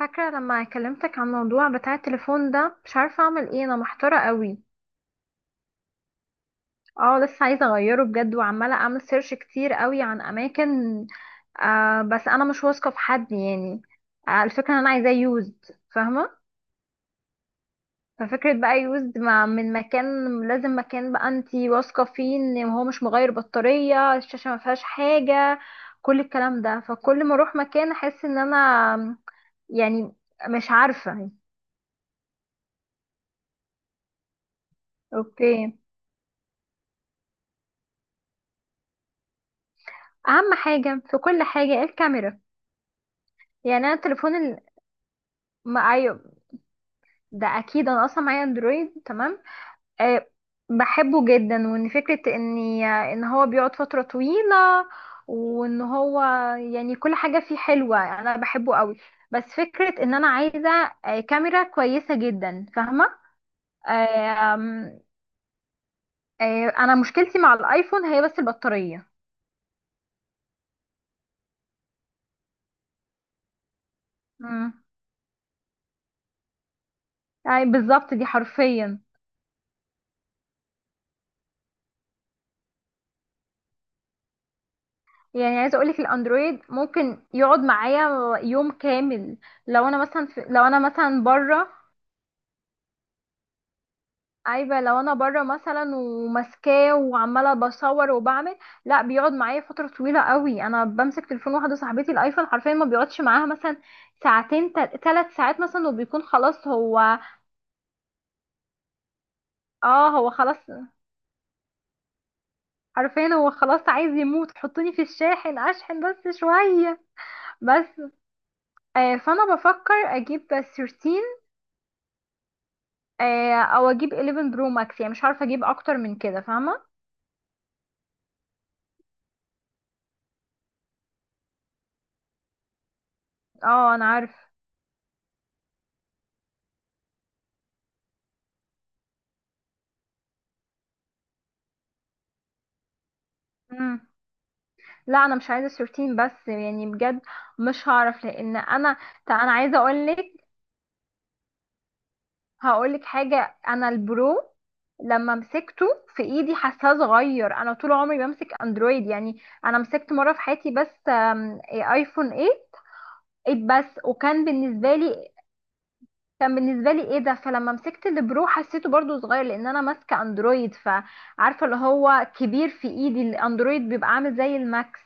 فاكرة لما كلمتك عن الموضوع بتاع التليفون ده، مش عارفة اعمل ايه، انا محتارة قوي. اه لسه عايزة اغيره بجد، وعمالة اعمل سيرش كتير قوي عن اماكن. بس انا مش واثقة في حد يعني. الفكرة ان انا عايزاه يوزد. فاهمة. ففكرة بقى يوزد مع من مكان، لازم مكان بقى انتي واثقة فيه ان هو مش مغير بطارية، الشاشة ما فيهاش حاجة، كل الكلام ده. فكل ما اروح مكان احس ان انا، يعني، مش عارفة. اوكي، اهم حاجه في كل حاجه الكاميرا. يعني انا التليفون ال... ما... أيوه، ده اكيد، انا اصلا معايا اندرويد تمام. أه، بحبه جدا، وان فكره ان هو بيقعد فتره طويله، وان هو يعني كل حاجه فيه حلوه، انا بحبه قوي. بس فكره ان انا عايزه كاميرا كويسه جدا، فاهمه. أه... آم، انا مشكلتي مع الايفون هي بس البطاريه. امم يعني بالظبط دي حرفيا. يعني عايزه اقولك الاندرويد ممكن يقعد معايا يوم كامل. لو انا مثلا بره، عايبه لو انا بره مثلا وماسكاه وعماله بصور وبعمل، لا بيقعد معايا فتره طويله قوي. انا بمسك تليفون، واحده صاحبتي الايفون حرفيا ما بيقعدش معاها مثلا ساعتين ثلاث ساعات مثلا، وبيكون خلاص هو. اه هو خلاص، حرفيا هو خلاص عايز يموت، حطوني في الشاحن اشحن بس شويه بس. فانا بفكر اجيب 13، او اجيب 11 برو ماكس، يعني مش عارفه اجيب اكتر من كده، فاهمه. اه انا عارف. مم. لا انا مش عايزه 13 بس يعني، بجد مش هعرف لان انا. طب انا عايزه اقول لك، هقول لك حاجه. انا البرو لما مسكته في ايدي حاساه صغير، انا طول عمري بمسك اندرويد. يعني انا مسكت مره في حياتي بس ايفون 8، 8 بس، وكان بالنسبه لي، كان بالنسبه لي ايه ده. فلما مسكت البرو حسيته برضو صغير، لان انا ماسكه اندرويد، فعارفه اللي هو كبير في ايدي، الاندرويد بيبقى عامل زي الماكس،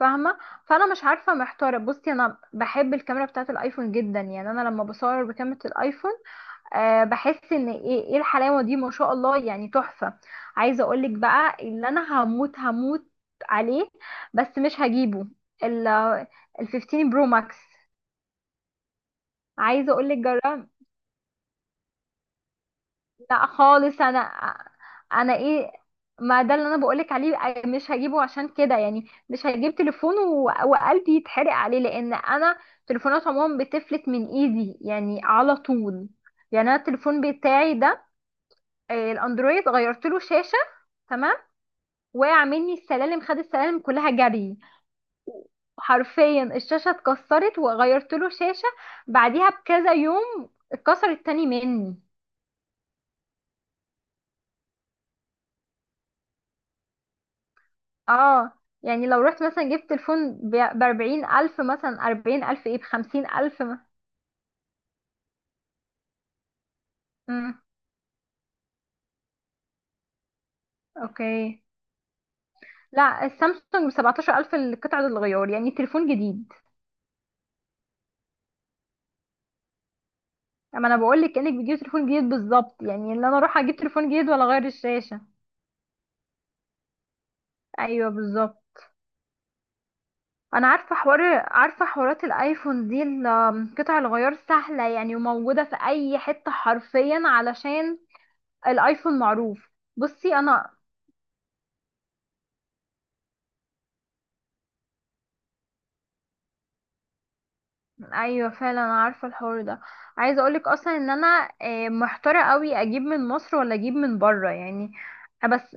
فاهمه. فانا مش عارفه، محتاره. بصي انا بحب الكاميرا بتاعه الايفون جدا، يعني انا لما بصور بكاميرا الايفون، أه بحس ان ايه الحلاوه دي، ما شاء الله يعني، تحفه. عايزه اقولك بقى، اللي انا هموت، هموت عليه بس مش هجيبه، ال ال 15 برو ماكس. عايزه اقولك جربت. لا خالص انا، انا ايه، ما ده اللي انا بقولك عليه، مش هجيبه عشان كده. يعني مش هجيب تليفون وقلبي يتحرق عليه، لان انا تليفونات عموما بتفلت من ايدي يعني على طول. يعني انا التليفون بتاعي ده، الاندرويد، غيرت له شاشه. تمام، وقع مني السلالم، خد السلالم كلها جري، حرفيا الشاشه اتكسرت وغيرت له شاشه، بعديها بكذا يوم اتكسرت تاني مني. اه يعني لو رحت مثلا جبت تليفون بأربعين ألف، مثلا أربعين ألف، ايه، بخمسين ألف م... مم. اوكي. لا السامسونج بسبعتاشر ألف القطعة الغيار، يعني تليفون جديد. اما انا بقولك كأنك بتجيب تليفون جديد بالظبط، يعني ان انا اروح اجيب تليفون جديد ولا اغير الشاشة. ايوه بالظبط. انا عارفه حوار، عارفه حوارات الايفون دي، قطع الغيار سهله يعني، وموجوده في اي حته حرفيا، علشان الايفون معروف. بصي انا، ايوه فعلا انا عارفه الحوار ده. عايزه اقولك اصلا ان انا محتاره قوي اجيب من مصر ولا اجيب من بره يعني. بس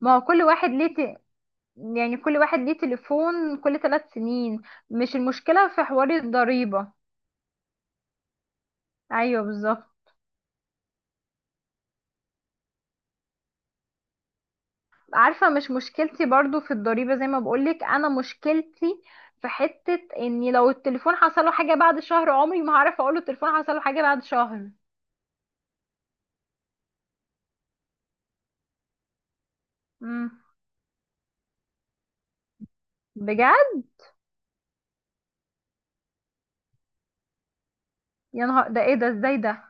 ما هو كل واحد ليه ت... يعني كل واحد ليه تليفون كل ثلاث سنين. مش المشكله في حوار الضريبه، ايوه بالظبط. عارفه، مش مشكلتي برضو في الضريبه، زي ما بقولك، انا مشكلتي في حته اني لو التليفون حصله حاجه بعد شهر، عمري ما هعرف اقوله التليفون حصله حاجه بعد شهر. امم، بجد؟ يا نهار ده، ايه ده، ازاي ده؟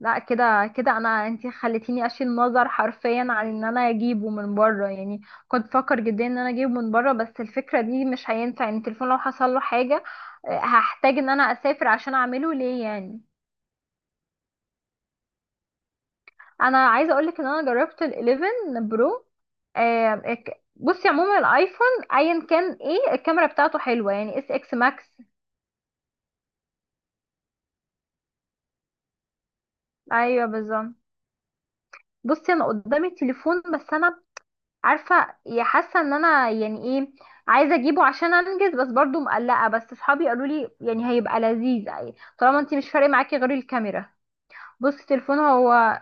لا كده كده انا، انتي خليتيني اشيل نظر حرفيا عن ان انا اجيبه من بره يعني. كنت بفكر جدا ان انا اجيبه من بره، بس الفكره دي مش هينفع يعني، التليفون لو حصل له حاجه هحتاج ان انا اسافر عشان اعمله ليه يعني. انا عايزه اقولك ان انا جربت ال11 برو، بصي عموما الايفون ايا كان، ايه الكاميرا بتاعته حلوه يعني، اس اكس ماكس. ايوه بالظبط. بصي انا قدامي تليفون، بس انا عارفه، يا حاسه ان انا يعني ايه، عايزه اجيبه عشان انجز، بس برضو مقلقه. بس صحابي قالوا لي يعني هيبقى لذيذ، يعني طالما انت مش فارق معاكي غير الكاميرا. بصي تليفون هو،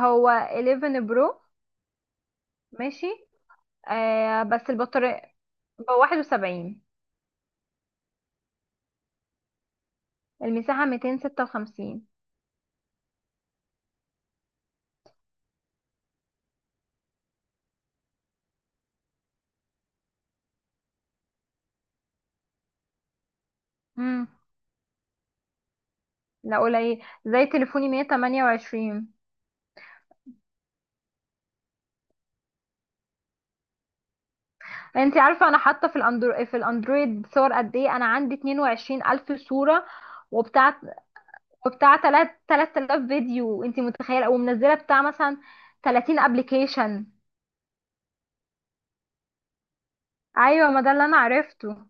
هو 11 برو. ماشي. آه بس البطاريه. هو 71. المساحه 256. امم، لا قليل، زي تليفوني 128. انت عارفه انا حاطه في الاندرويد صور قد ايه؟ انا عندي 220 الف صوره، وبتاع وبتاع تلات 3000 فيديو، انت متخيله؟ او منزله بتاع مثلا 30 ابلكيشن. ايوه ما ده اللي انا عرفته.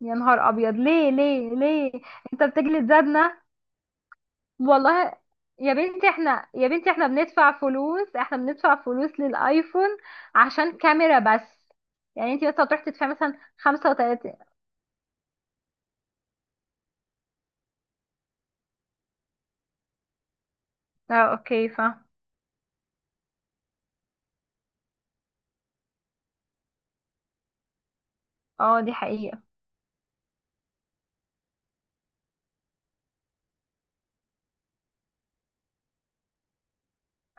يا نهار ابيض، ليه ليه ليه؟ انت بتجلد ذاتنا، والله. يا بنتي احنا، يا بنتي احنا بندفع فلوس، احنا بندفع فلوس للايفون عشان كاميرا بس. يعني انت بس هتروحي تدفعي مثلا 35. اه اوكي فا. اه دي حقيقة.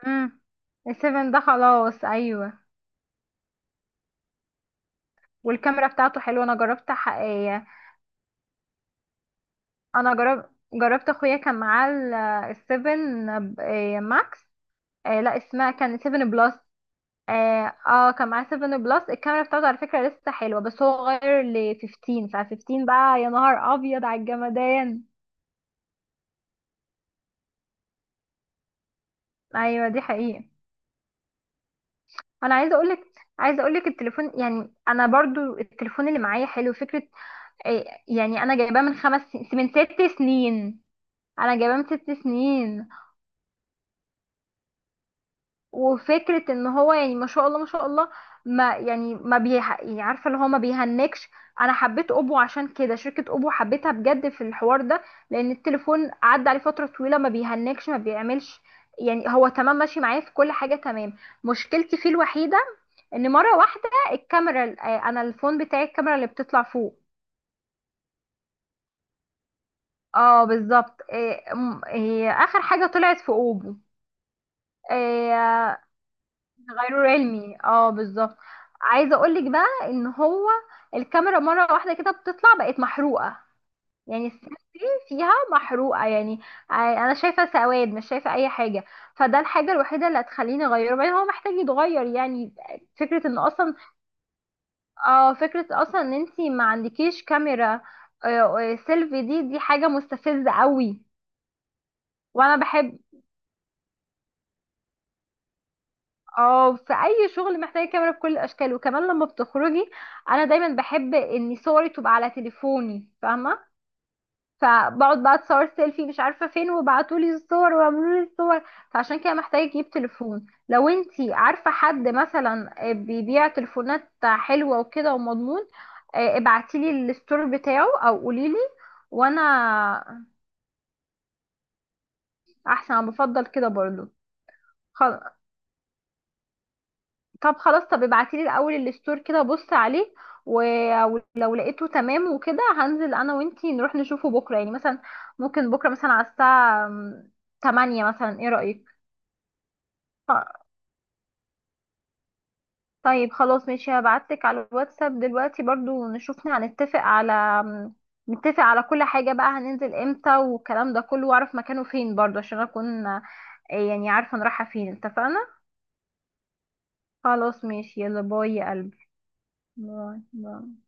امم، السيفن ده خلاص، ايوه. والكاميرا بتاعته حلوه، انا جربت حقيقية. انا جربت اخويا كان معاه السيفن ماكس، آه لا اسمها كان سيفن بلس. اه كان معاه سيفن بلس، الكاميرا بتاعته على فكرة لسه حلوة، بس هو غير ل 15، فال15 بقى يا نهار ابيض على الجمدان. ايوه دي حقيقة. انا عايزه اقولك، عايزه اقولك التليفون، يعني انا برضو التليفون اللي معايا حلو فكرة، يعني انا جايباه من من ست سنين. انا جايباه من ست سنين، وفكرة ان هو يعني ما شاء الله ما شاء الله، ما يعني ما بيح... يعني عارفة اللي هو ما بيهنكش. انا حبيت اوبو عشان كده، شركة اوبو حبيتها بجد في الحوار ده، لان التليفون عدى عليه فترة طويلة، ما بيهنكش، ما بيعملش. يعني هو تمام، ماشي معايا في كل حاجة تمام. مشكلتي فيه الوحيدة ان مرة واحدة الكاميرا، انا الفون بتاعي الكاميرا اللي بتطلع فوق. اه بالظبط، اخر حاجة طلعت في اوبو آه، غير علمي، اه بالظبط. عايزه اقولك بقى ان هو الكاميرا مره واحده كده بتطلع بقت محروقه، يعني السن فيها محروقه يعني. انا شايفه سواد، مش شايفه اي حاجه. فده الحاجه الوحيده اللي هتخليني اغيره، بعدين هو محتاج يتغير يعني. فكره ان اصلا، اه فكره اصلا ان انتي ما عندكيش كاميرا آه، سيلفي، دي حاجه مستفزه قوي. وانا بحب، اه في اي شغل محتاجه كاميرا بكل الاشكال، وكمان لما بتخرجي انا دايما بحب ان صوري تبقى على تليفوني، فاهمه؟ فبقعد بقى اتصور سيلفي مش عارفه فين، وبعتوا لي الصور وعملوا لي الصور. فعشان كده محتاجه اجيب تليفون. لو انتي عارفه حد مثلا بيبيع تليفونات حلوه وكده ومضمون، ابعتي لي الستور بتاعه او قولي لي. وانا، احسن انا بفضل كده برضو. طب خلاص، طب ابعتيلي الاول الستور كده بص عليه، ولو لقيته تمام وكده هنزل انا وانتي نروح نشوفه بكره يعني مثلا. ممكن بكره مثلا على الساعه 8 مثلا، ايه رايك؟ آه، طيب خلاص، ماشي، هبعتلك على الواتساب دلوقتي برضو نشوف هنتفق على، نتفق على كل حاجه بقى، هننزل امتى والكلام ده كله، واعرف مكانه فين برضو، عشان اكون يعني عارفه انا رايحه فين، اتفقنا؟ خلاص ماشي، يلا باي يا قلبي. باي باي.